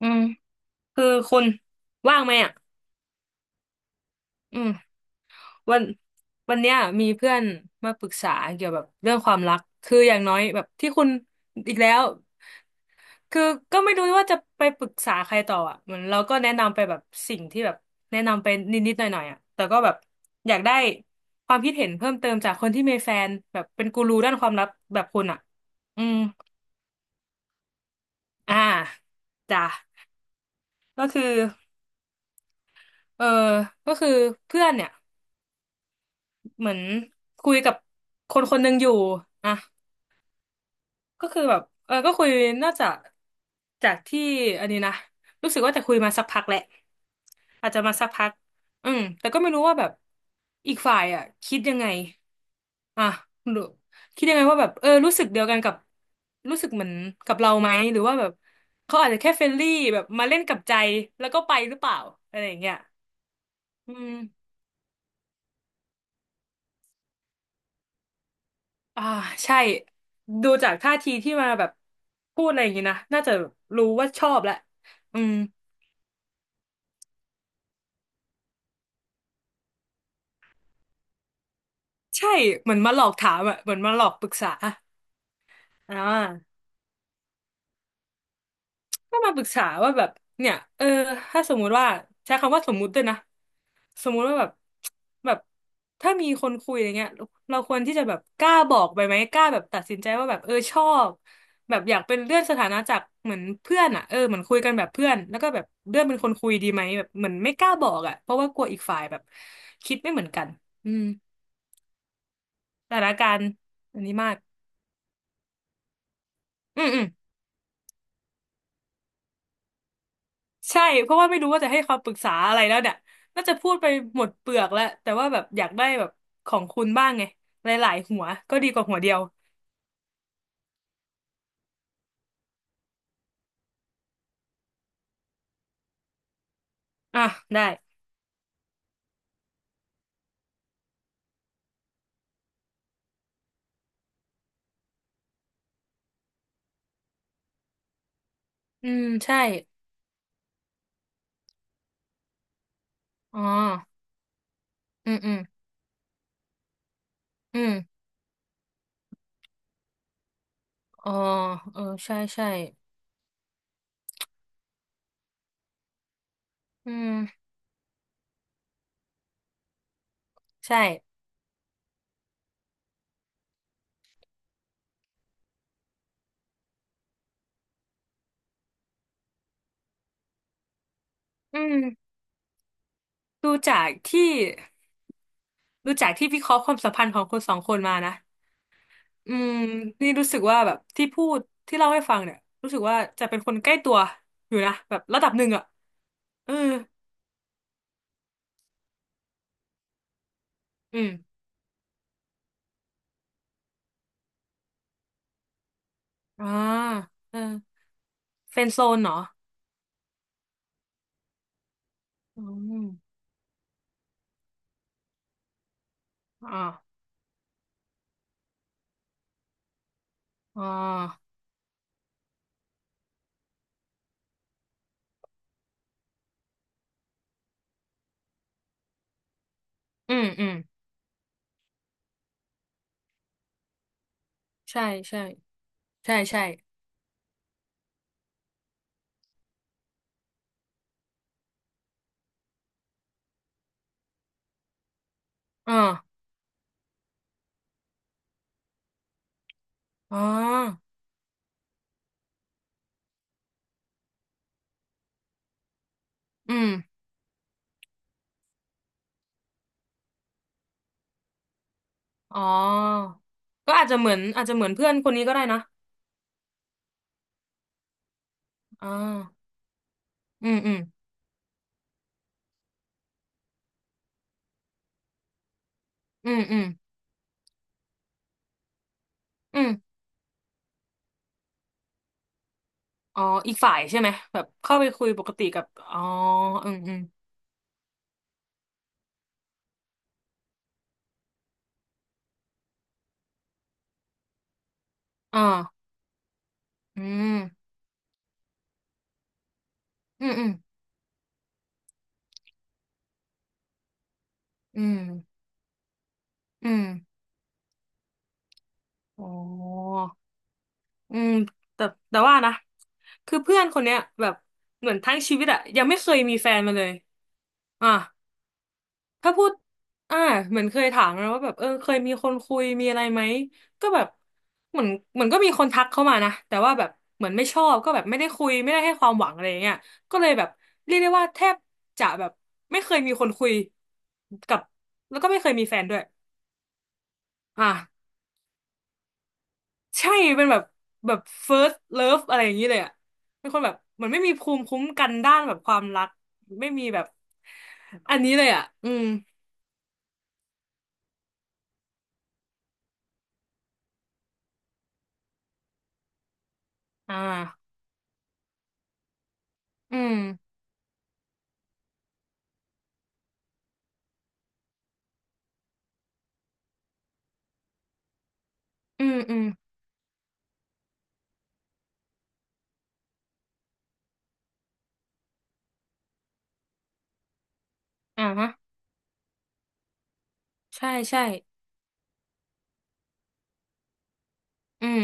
อืมคือคุณว่างไหมอ่ะอืมวันวันเนี้ยมีเพื่อนมาปรึกษาเกี่ยวกับเรื่องความรักคืออย่างน้อยแบบที่คุณอีกแล้วคือก็ไม่รู้ว่าจะไปปรึกษาใครต่ออ่ะเหมือนเราก็แนะนำไปแบบสิ่งที่แบบแนะนำไปนิดๆหน่อยๆอ่ะแต่ก็แบบอยากได้ความคิดเห็นเพิ่มเติมจากคนที่มีแฟนแบบเป็นกูรูด้านความรักแบบคุณอ่ะอืมอ่าจ้ะก็คือเออก็คือเพื่อนเนี่ย เหมือนคุยกับคนคนหนึ่งอยู่อ่ะก็คือแบบเออก็คุยน่าจะจากที่อันนี้นะรู้สึกว่าจะคุยมาสักพักแหละอาจจะมาสักพักอืมแต่ก็ไม่รู้ว่าแบบอีกฝ่ายอ่ะคิดยังไงอ่ะหรือคิดยังไงว่าแบบเออรู้สึกเดียวกันกับรู้สึกเหมือนกับเราไหมหรือว่าแบบเขาอาจจะแค่เฟรนลี่แบบมาเล่นกับใจแล้วก็ไปหรือเปล่าอะไรอย่างเงี้ยอืม อ่าใช่ดูจากท่าทีที่มาแบบพูดอะไรอย่างงี้นะน่าจะรู้ว่าชอบแหละอืมใช่เหมือนมาหลอกถามอะเหมือนมาหลอกปรึกษาอ่า ก็มาปรึกษาว่าแบบเนี่ยเออถ้าสมมุติว่าใช้คำว่าสมมุติด้วยนะสมมุติว่าแบบแบบถ้ามีคนคุยอย่างเงี้ยเราควรที่จะแบบกล้าบอกไปไหมกล้าแบบตัดสินใจว่าแบบเออชอบแบบอยากเป็นเลื่อนสถานะจากเหมือนเพื่อนอ่ะเออเหมือนคุยกันแบบเพื่อนแล้วก็แบบเลื่อนเป็นคนคุยดีไหมแบบเหมือนไม่กล้าบอกอ่ะเพราะว่ากลัวอีกฝ่ายแบบคิดไม่เหมือนกันอืมสถานการณ์อันนี้มากอืมอืม ใช่เพราะว่าไม่รู้ว่าจะให้คำปรึกษาอะไรแล้วเนี่ยน่าจะพูดไปหมดเปลือกแล้วแต่ว่าแบบอยากได้แบบของคุณบ้างไงหลายๆหัวก็ดีกว่าหัวเดียวอ่ะได้อืมใช่อ๋ออืมอืมอืมอ๋อเออใช่ใช่อืมใช่อืมดูจากที่ดูจากที่วิเคราะห์ความสัมพันธ์ของคนสองคนมานะอืมนี่รู้สึกว่าแบบที่พูดที่เล่าให้ฟังเนี่ยรู้สึกว่าจะเป็นคนใกล้ตัวอยู่นะแบบระดับหนึ่งอ่ะเอออืม อ่าเออเฟรนด์โซนเหรออืมอ่าอ่าอืมอืมใช่ใช่ใช่ใช่อ่าอ๋ออืมอ๋อก็อาจจะเหมือนอาจจะเหมือนเพื่อนคนนี้ก็ได้นะอ่าอืมอืมอืมอืมอืมอ๋ออีกฝ่ายใช่ไหมแบบเข้าไปคุยปกติกับอ๋ออืมอืมอ่าอืมอืมอืมอืมอืมอ๋อ อืมแต่แต่ว่านะคือเพื่อนคนเนี้ยแบบเหมือนทั้งชีวิตอะยังไม่เคยมีแฟนมาเลยอ่ะถ้าพูดอ่าเหมือนเคยถามนะว่าแบบเออเคยมีคนคุยมีอะไรไหมก็แบบเหมือนเหมือนก็มีคนทักเข้ามานะแต่ว่าแบบเหมือนไม่ชอบก็แบบไม่ได้คุยไม่ได้ให้ความหวังอะไรอย่างเงี้ยก็เลยแบบเรียกได้ว่าแทบจะแบบไม่เคยมีคนคุยกับแล้วก็ไม่เคยมีแฟนด้วยอ่ะ ใช่เป็นแบบแบบ first love อะไรอย่างนี้เลยอ่ะ เป็นคนแบบเหมือนไม่มีภูมิคุ้มกันด้านแบบความรักไม่มีแบบอันนี้เลยอ่ะ อืมอ่าอืมอืมอืมอ่าฮะใช่ใช่อืม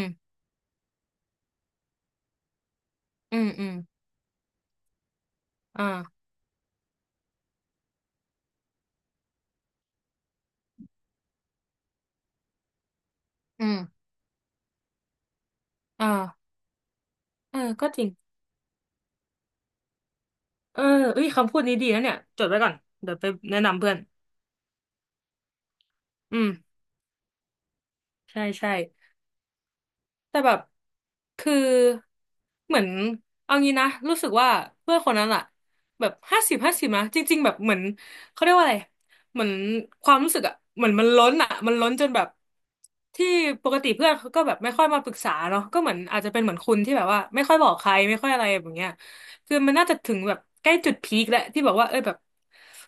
อืมอืมอ่าอืมอ่าเออก็จริงเออเอ้ยคำพูดนี้ดีนะเนี่ยจดไว้ก่อนเดี๋ยวไปแนะนำเพื่อนอืมใช่ใช่ แต่แบบคือเหมือนเอางี้นะรู้สึกว่าเพื่อนคนนั้นอะแบบ50/50นะจริงๆแบบเหมือนเขาเรียกว่าอะไรเหมือนความรู้สึกอะเหมือนมันล้นอะมันล้นจนแบบที่ปกติเพื่อนเขาก็แบบไม่ค่อยมาปรึกษาเนาะก็เหมือนอาจจะเป็นเหมือนคุณที่แบบว่าไม่ค่อยบอกใครไม่ค่อยอะไรแบบเนี้ย คือมันน่าจะถึงแบบใกล้จุดพีคแล้วที่บอกว่าเออแบบ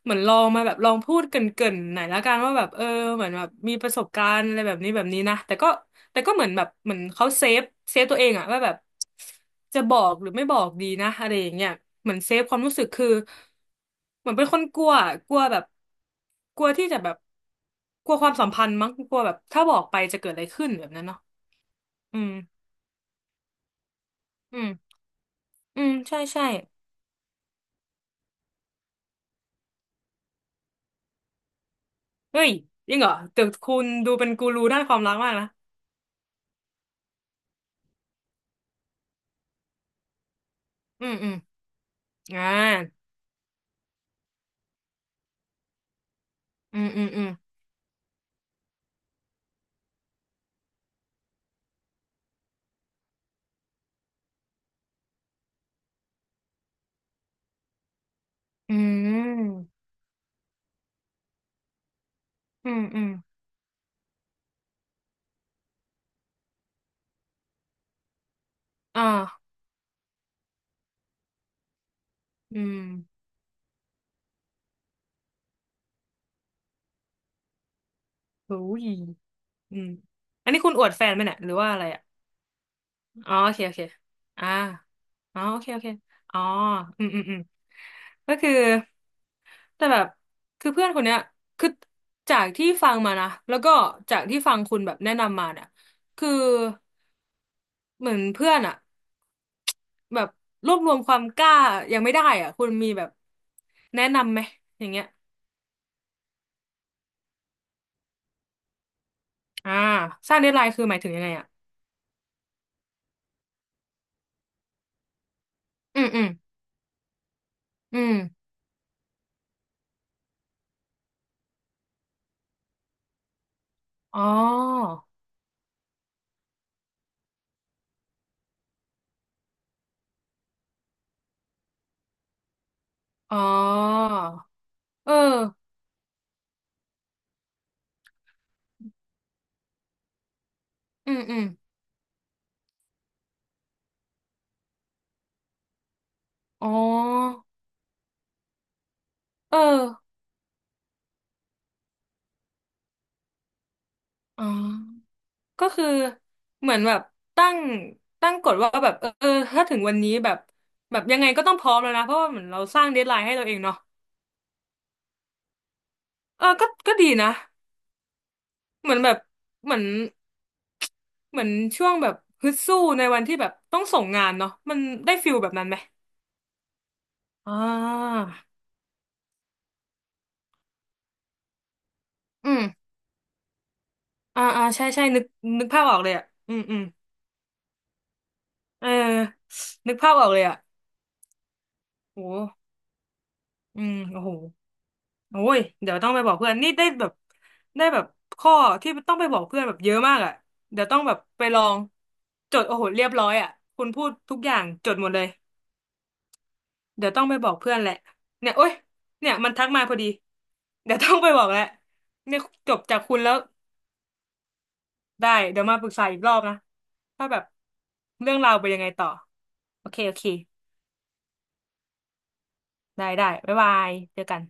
เหมือนลองมาแบบลองพูดเกริ่นๆหน่อยละกันว่าแบบเออเหมือนแบบมีประสบการณ์อะไรแบบนี้แบบนี้นะแต่ก็แต่ก็เหมือนแบบเหมือนเขาเซฟเซฟตัวเองอะว่าแบบจะบอกหรือไม่บอกดีนะอะไรอย่างเงี้ยเหมือนเซฟความรู้สึกคือเหมือนเป็นคนกลัวอะกลัวแบบกลัวที่จะแบบกลัวความสัมพันธ์มั้งกลัวแบบถ้าบอกไปจะเกิดอะไรขึ้นแบบนั้นเนาะอืมอืมอืมใช่ใช่ เฮ้ยจริงเหรอแต่คุณดูเป็นกูรูด้านความรักมากนะอืมอืมอ่าอืมอืมอืมอืมอืมอืมอ่าอืมโอ้ยอืมอันนี้คุณอวดแฟนไหมเนี่ยหรือว่าอะไรอ่ะอ๋อโอเคโอเคอ่าอ๋อโอเคโอเคอ๋ออืมอืมอืมก็คือแต่แบบคือเพื่อนคนเนี้ยคือจากที่ฟังมานะแล้วก็จากที่ฟังคุณแบบแนะนำมาเนี่ยคือ เหมือนเพื่อนอะแบบรวบรวมความกล้ายังไม่ได้อะคุณมีแบบแนะนำไหมอย่างเงี้ยอ่าสร้างเดดไลน์คือหมายถึงยังไงอะอืมอืมอืมอ๋ออ๋อเอออืมอืมอ๋อเอออ๋อก็คือเหมือนแบบตั้งตั้งกฎว่าแบบเออเออถ้าถึงวันนี้แบบแบบยังไงก็ต้องพร้อมแล้วนะเพราะว่าเหมือนเราสร้างเดดไลน์ให้เราเองเนาะเออก็ก็ดีนะ เหมือนแบบเหมือนเหมือนช่วงแบบฮึดสู้ในวันที่แบบต้องส่งงานเนาะมันได้ฟิลแบบนั้นไหมอ่าอืมอ่าอ่าใช่ใช่นึกภาพออกเลยอ่ะอืมอืมเออนึกภาพออกเลยอ่ะโอ้อืมโอ้โหโอ้ยเดี๋ยวต้องไปบอกเพื่อนนี่ได้แบบได้แบบข้อที่ต้องไปบอกเพื่อนแบบเยอะมากอ่ะเดี๋ยวต้องแบบไปลองจดโอ้โหเรียบร้อยอ่ะคุณพูดทุกอย่างจดหมดเลย เดี๋ยวต้องไปบอกเพื่อนแหละเนี่ยโอ๊ยเนี่ยมันทักมาพอดี เดี๋ยวต้องไปบอกแหละ เนี่ยจบจากคุณแล้วได้เดี๋ยวมาปรึกษาอีกรอบนะว่าแบบเรื่องราวไปนยังไงต่อ โอเคโอเคได้ได้บ๊ายบายเจอกัน